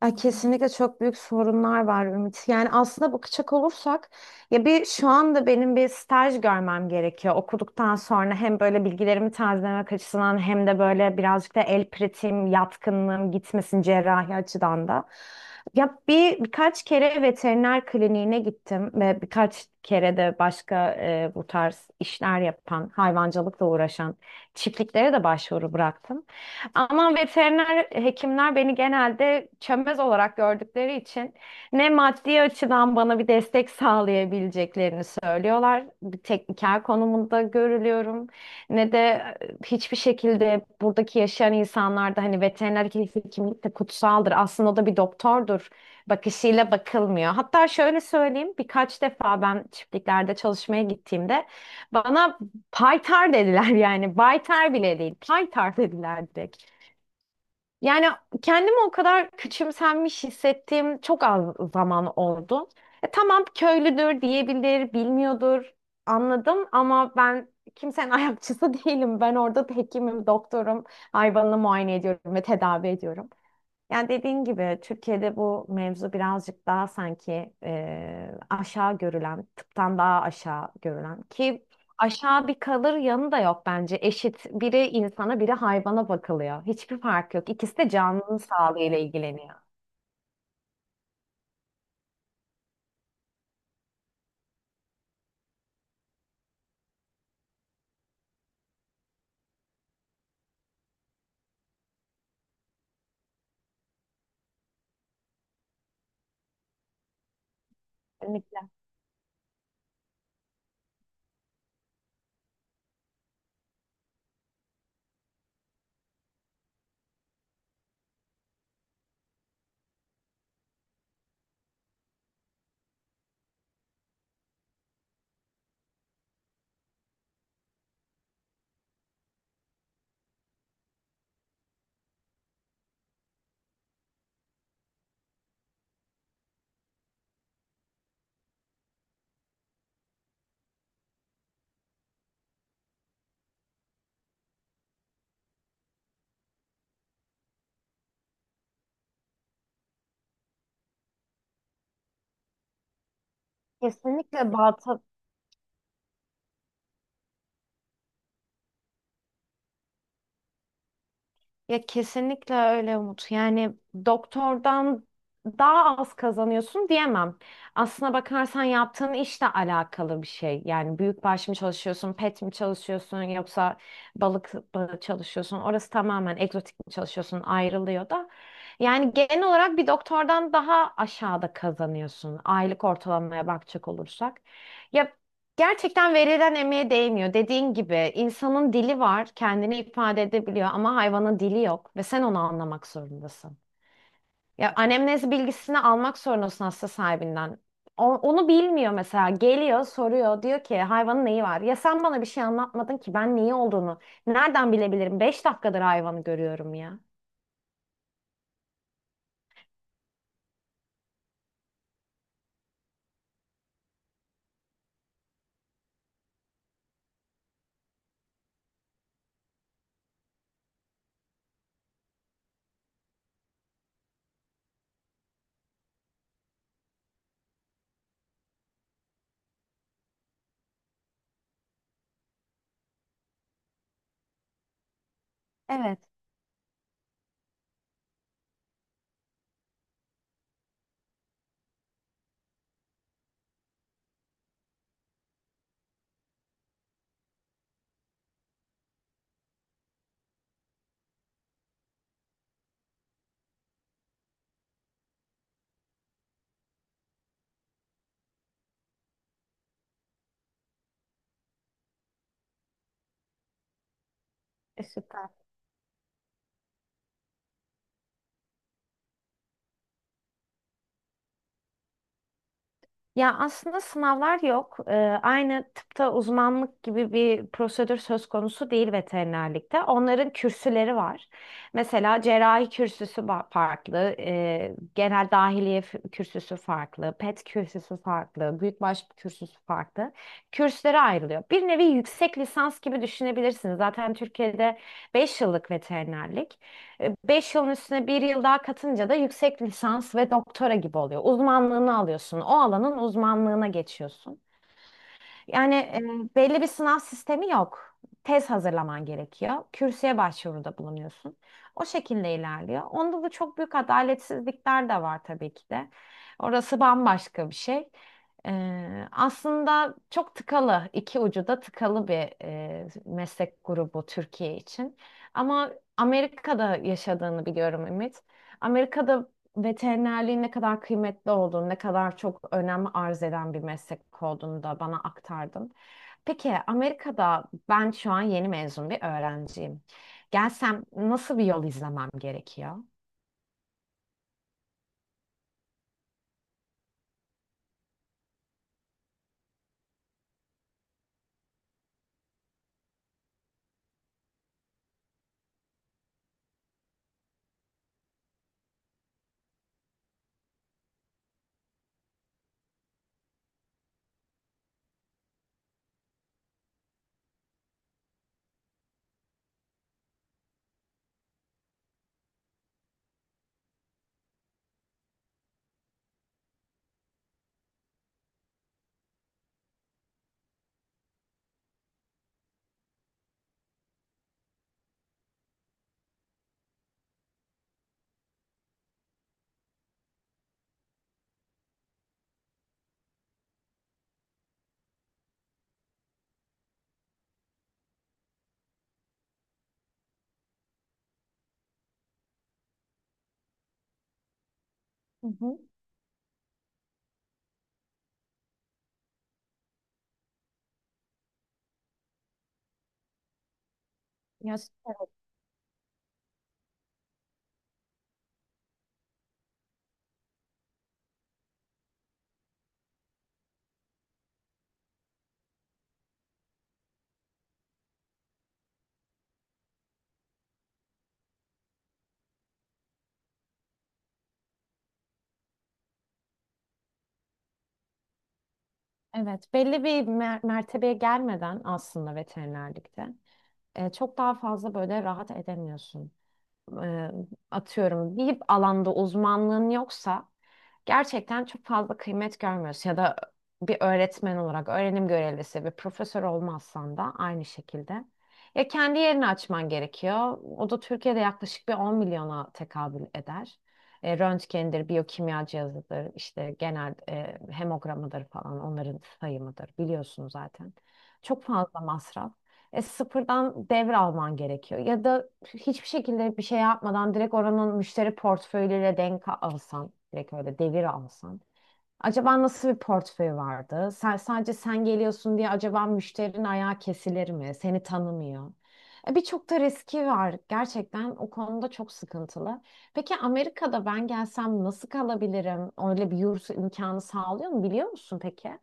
Ay, kesinlikle çok büyük sorunlar var Ümit. Yani aslında bakacak olursak ya bir şu anda benim bir staj görmem gerekiyor. Okuduktan sonra hem böyle bilgilerimi tazelemek açısından hem de böyle birazcık da el pratiğim, yatkınlığım gitmesin cerrahi açıdan da. Ya birkaç kere veteriner kliniğine gittim ve birkaç kere de başka bu tarz işler yapan, hayvancılıkla uğraşan çiftliklere de başvuru bıraktım. Ama veteriner hekimler beni genelde çömez olarak gördükleri için ne maddi açıdan bana bir destek sağlayabileceklerini söylüyorlar. Bir tekniker konumunda görülüyorum. Ne de hiçbir şekilde buradaki yaşayan insanlarda hani veteriner hekimlik de kutsaldır. Aslında o da bir doktordur bakışıyla bakılmıyor. Hatta şöyle söyleyeyim, birkaç defa ben çiftliklerde çalışmaya gittiğimde bana paytar dediler yani. Baytar bile değil. Paytar dediler direkt. Yani kendimi o kadar küçümsenmiş hissettiğim çok az zaman oldu. Tamam köylüdür diyebilir, bilmiyordur, anladım, ama ben kimsenin ayakçısı değilim. Ben orada hekimim, doktorum, hayvanını muayene ediyorum ve tedavi ediyorum. Yani dediğin gibi Türkiye'de bu mevzu birazcık daha sanki aşağı görülen, tıptan daha aşağı görülen ki aşağı bir kalır yanı da yok bence. Eşit, biri insana biri hayvana bakılıyor. Hiçbir fark yok. İkisi de canlının sağlığıyla ilgileniyor. Kesinlikle. Kesinlikle balta. Ya, kesinlikle öyle Umut. Yani doktordan daha az kazanıyorsun diyemem. Aslına bakarsan yaptığın işle alakalı bir şey. Yani büyükbaş mı çalışıyorsun, pet mi çalışıyorsun yoksa balık mı çalışıyorsun? Orası tamamen egzotik mi çalışıyorsun ayrılıyor da. Yani genel olarak bir doktordan daha aşağıda kazanıyorsun. Aylık ortalamaya bakacak olursak. Ya, gerçekten verilen emeğe değmiyor. Dediğin gibi insanın dili var, kendini ifade edebiliyor, ama hayvanın dili yok ve sen onu anlamak zorundasın. Ya, anemnez bilgisini almak zorundasın hasta sahibinden. Onu bilmiyor mesela. Geliyor, soruyor, diyor ki, hayvanın neyi var? Ya sen bana bir şey anlatmadın ki ben neyi olduğunu nereden bilebilirim? 5 dakikadır hayvanı görüyorum ya. Evet, süper. Ya aslında sınavlar yok. Aynı tıpta uzmanlık gibi bir prosedür söz konusu değil veterinerlikte. Onların kürsüleri var. Mesela cerrahi kürsüsü farklı, genel dahiliye kürsüsü farklı, pet kürsüsü farklı, büyükbaş kürsüsü farklı. Kürsülere ayrılıyor. Bir nevi yüksek lisans gibi düşünebilirsiniz. Zaten Türkiye'de 5 yıllık veterinerlik. Beş yılın üstüne bir yıl daha katınca da yüksek lisans ve doktora gibi oluyor. Uzmanlığını alıyorsun. O alanın uzmanlığına geçiyorsun. Yani belli bir sınav sistemi yok. Tez hazırlaman gerekiyor. Kürsüye başvuruda bulunuyorsun. O şekilde ilerliyor. Onda da çok büyük adaletsizlikler de var tabii ki de. Orası bambaşka bir şey. E, Aslında çok tıkalı, iki ucu da tıkalı bir meslek grubu Türkiye için. Ama Amerika'da yaşadığını biliyorum Ümit. Amerika'da veterinerliğin ne kadar kıymetli olduğunu, ne kadar çok önem arz eden bir meslek olduğunu da bana aktardın. Peki Amerika'da ben şu an yeni mezun bir öğrenciyim. Gelsem nasıl bir yol izlemem gerekiyor? Hı hı. Ya, evet, belli bir mertebeye gelmeden aslında veterinerlikte çok daha fazla böyle rahat edemiyorsun. E, atıyorum, bir alanda uzmanlığın yoksa gerçekten çok fazla kıymet görmüyorsun ya da bir öğretmen olarak öğrenim görevlisi ve profesör olmazsan da aynı şekilde. Ya kendi yerini açman gerekiyor. O da Türkiye'de yaklaşık bir 10 milyona tekabül eder. Röntgendir, biyokimya cihazıdır, işte genel hemogramıdır falan onların sayımıdır, biliyorsun zaten. Çok fazla masraf, sıfırdan devralman gerekiyor. Ya da hiçbir şekilde bir şey yapmadan direkt oranın müşteri portföyleriyle denk alsan, direkt öyle devir alsan. Acaba nasıl bir portföy vardı? Sen, sadece sen geliyorsun diye acaba müşterinin ayağı kesilir mi? Seni tanımıyor. Birçok da riski var. Gerçekten o konuda çok sıkıntılı. Peki Amerika'da ben gelsem nasıl kalabilirim? Öyle bir yurt imkanı sağlıyor mu biliyor musun peki?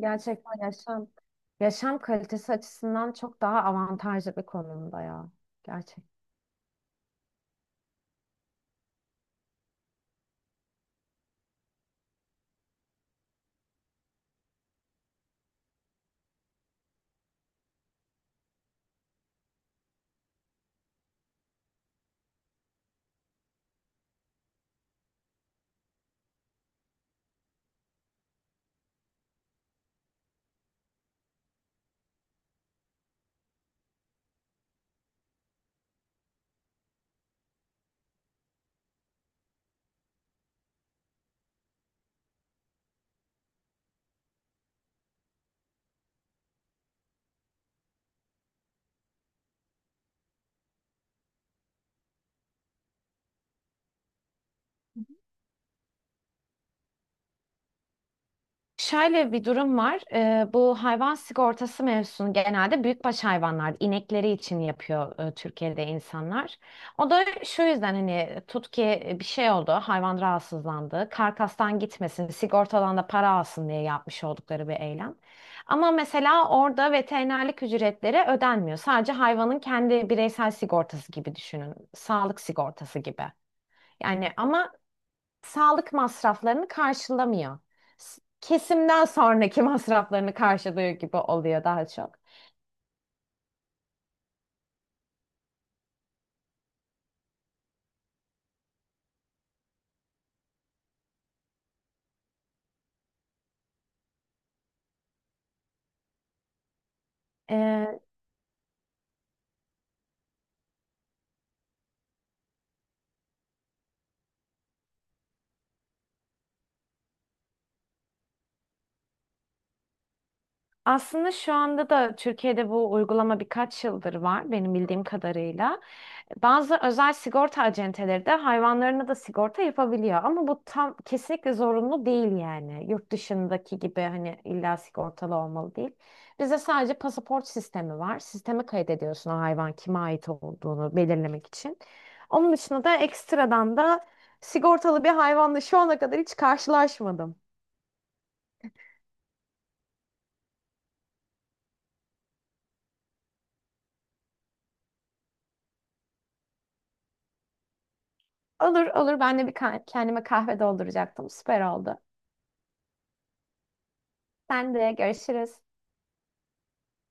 Gerçekten yaşam kalitesi açısından çok daha avantajlı bir konumda ya. Gerçekten. Şöyle bir durum var. Bu hayvan sigortası mevzusunu genelde büyükbaş hayvanlar, inekleri için yapıyor Türkiye'de insanlar. O da şu yüzden, hani tut ki bir şey oldu, hayvan rahatsızlandı, karkastan gitmesin, sigortadan da para alsın diye yapmış oldukları bir eylem. Ama mesela orada veterinerlik ücretleri ödenmiyor. Sadece hayvanın kendi bireysel sigortası gibi düşünün, sağlık sigortası gibi. Yani ama sağlık masraflarını karşılamıyor. Kesimden sonraki masraflarını karşılıyor gibi oluyor daha çok. Ee, aslında şu anda da Türkiye'de bu uygulama birkaç yıldır var benim bildiğim kadarıyla. Bazı özel sigorta acenteleri de hayvanlarına da sigorta yapabiliyor, ama bu tam kesinlikle zorunlu değil yani. Yurt dışındaki gibi hani illa sigortalı olmalı değil. Bizde sadece pasaport sistemi var. Sisteme kaydediyorsun o hayvan kime ait olduğunu belirlemek için. Onun dışında da ekstradan da sigortalı bir hayvanla şu ana kadar hiç karşılaşmadım. Olur olur, ben de bir kendime kahve dolduracaktım. Süper oldu. Sen de görüşürüz.